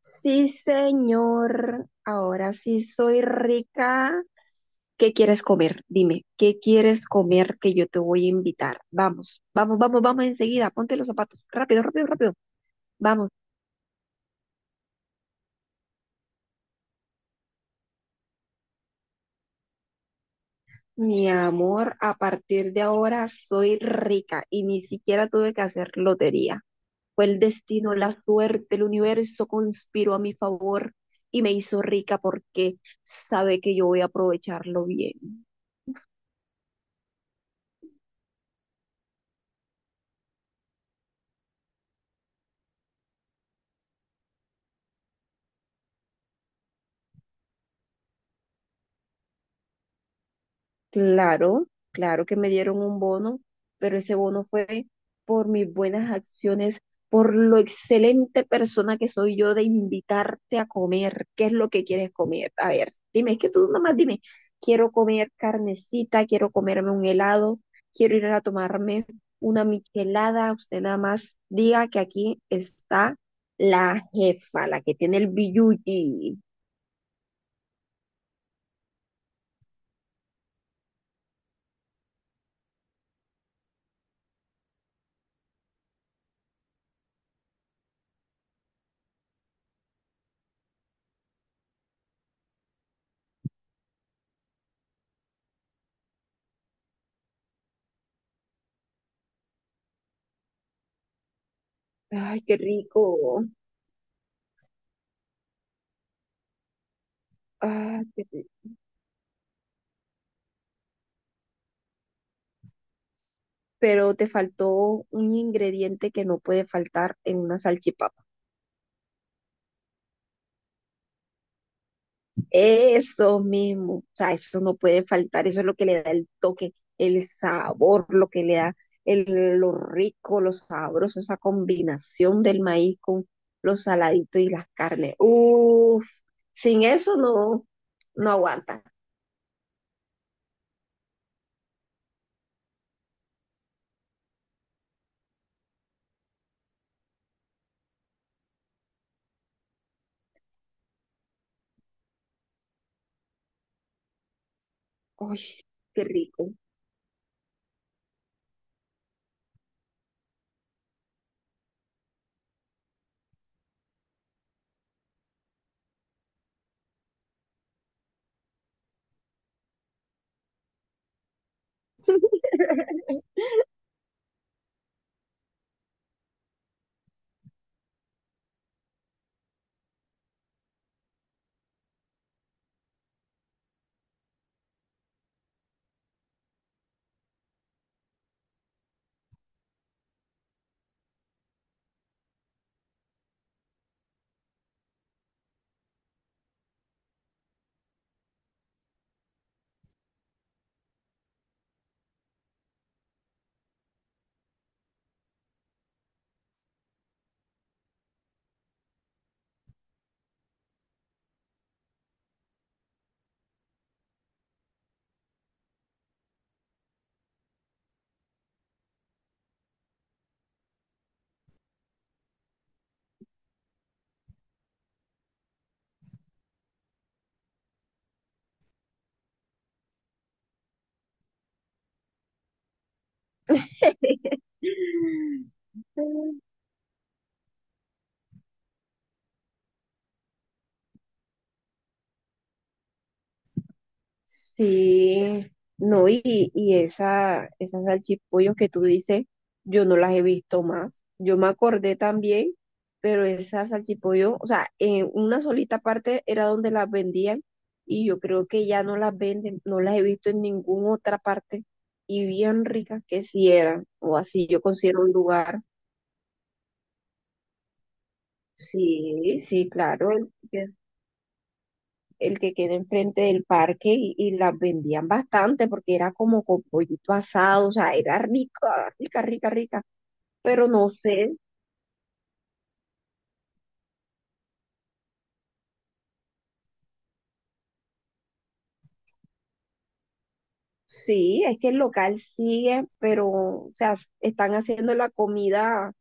Sí, señor. Ahora sí soy rica. ¿Qué quieres comer? Dime, ¿qué quieres comer que yo te voy a invitar? Vamos, vamos, vamos, vamos enseguida. Ponte los zapatos. Rápido, rápido, rápido. Vamos. Mi amor, a partir de ahora soy rica y ni siquiera tuve que hacer lotería. Fue el destino, la suerte, el universo conspiró a mi favor y me hizo rica porque sabe que yo voy a aprovecharlo bien. Claro, claro que me dieron un bono, pero ese bono fue por mis buenas acciones, por lo excelente persona que soy yo de invitarte a comer. ¿Qué es lo que quieres comer? A ver, dime, es que tú nomás dime, quiero comer carnecita, quiero comerme un helado, quiero ir a tomarme una michelada. Usted nada más diga que aquí está la jefa, la que tiene el billuyi. Ay, qué rico. Ay, qué rico. Pero te faltó un ingrediente que no puede faltar en una salchipapa. Eso mismo, o sea, eso no puede faltar, eso es lo que le da el toque, el sabor, lo que le da el, lo rico, lo sabroso, esa combinación del maíz con los saladitos y las carnes. Uf, sin eso no, no aguanta. Uy, qué rico. Sí, no, y esa, esas salchipollos que tú dices, yo no las he visto más. Yo me acordé también, pero esas salchipollos, o sea, en una solita parte era donde las vendían y yo creo que ya no las venden, no las he visto en ninguna otra parte y bien ricas que sí eran, o así yo considero un lugar. Sí, sí, claro, el que queda enfrente del parque y las vendían bastante porque era como con pollito asado, o sea, era rica, rica, rica, rica. Pero no sé, sí, es que el local sigue, pero, o sea, están haciendo la comida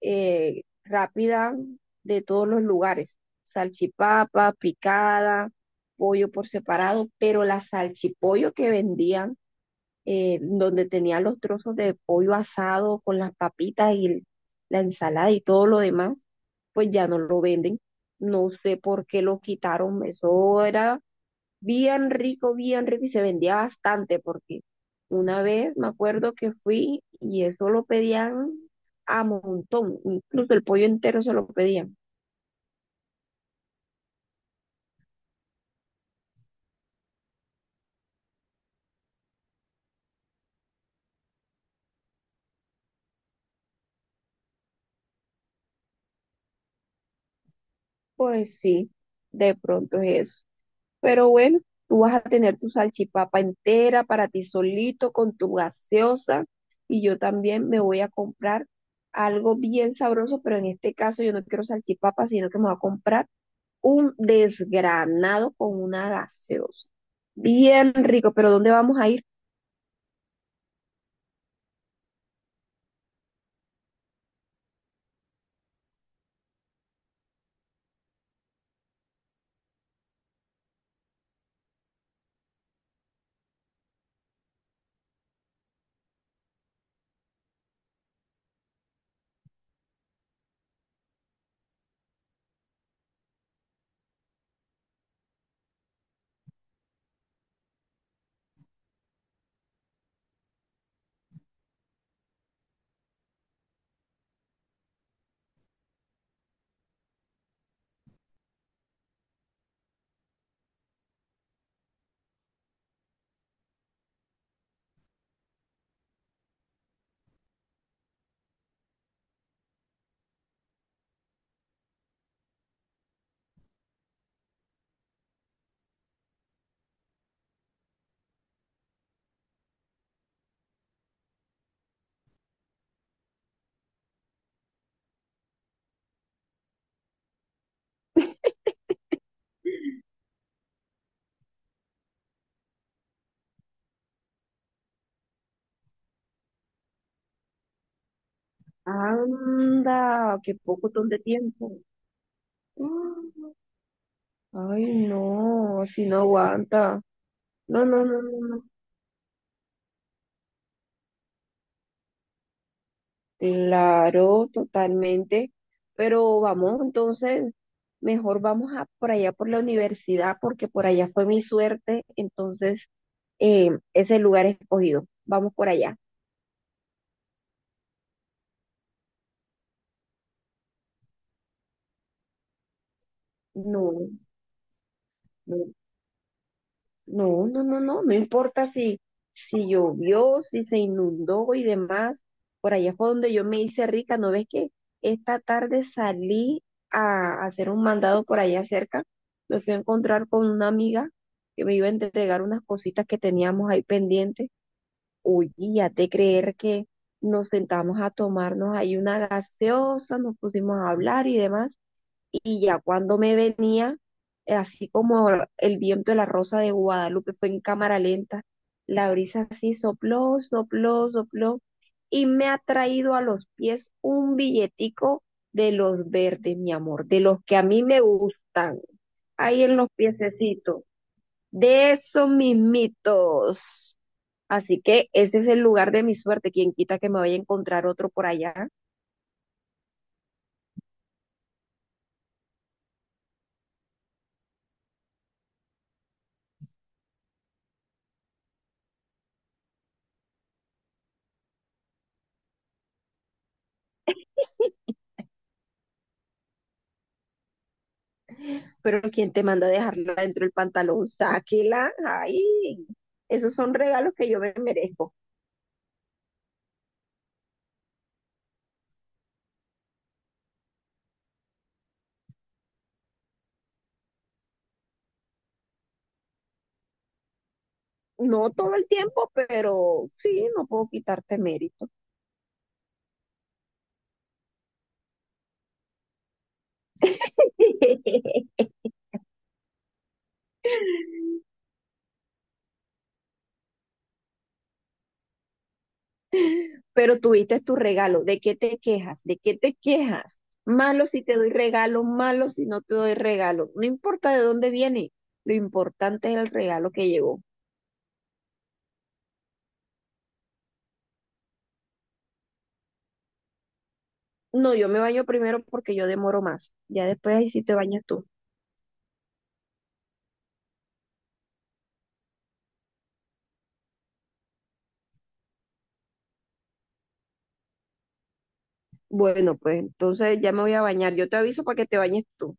rápida de todos los lugares. Salchipapa, picada, pollo por separado, pero la salchipollo que vendían donde tenía los trozos de pollo asado con las papitas y la ensalada y todo lo demás, pues ya no lo venden. No sé por qué lo quitaron. Eso era bien rico y se vendía bastante porque una vez me acuerdo que fui y eso lo pedían a montón, incluso el pollo entero se lo pedían. Pues sí, de pronto es eso. Pero bueno, tú vas a tener tu salchipapa entera para ti solito, con tu gaseosa, y yo también me voy a comprar algo bien sabroso, pero en este caso yo no quiero salchipapa, sino que me voy a comprar un desgranado con una gaseosa. Bien rico, pero ¿dónde vamos a ir? Anda, qué poco ton de tiempo. Mm, ay, no, si no aguanta. No, no, no, no, no. Claro, totalmente. Pero vamos, entonces, mejor vamos a por allá por la universidad, porque por allá fue mi suerte. Entonces, es lugar escogido. Vamos por allá. No, no. No, no, no, no, no importa si, si llovió, si se inundó y demás. Por allá fue donde yo me hice rica, ¿no ves que esta tarde salí a hacer un mandado por allá cerca? Me fui a encontrar con una amiga que me iba a entregar unas cositas que teníamos ahí pendientes. Oye, ya te creer que nos sentamos a tomarnos ahí una gaseosa, nos pusimos a hablar y demás y ya cuando me venía, así como el viento de la Rosa de Guadalupe fue en cámara lenta, la brisa así sopló, sopló, sopló y me ha traído a los pies un billetico de los verdes, mi amor, de los que a mí me gustan, ahí en los piececitos, de esos mismitos. Así que ese es el lugar de mi suerte. Quien quita que me vaya a encontrar otro por allá. Pero ¿quién te manda a dejarla dentro del pantalón? Sáquela. Ay, esos son regalos que yo me merezco. No todo el tiempo, pero sí, no puedo quitarte mérito. Pero tuviste tu regalo. ¿De qué te quejas? ¿De qué te quejas? Malo si te doy regalo, malo si no te doy regalo. No importa de dónde viene, lo importante es el regalo que llegó. No, yo me baño primero porque yo demoro más. Ya después ahí sí te bañas tú. Bueno, pues entonces ya me voy a bañar. Yo te aviso para que te bañes tú.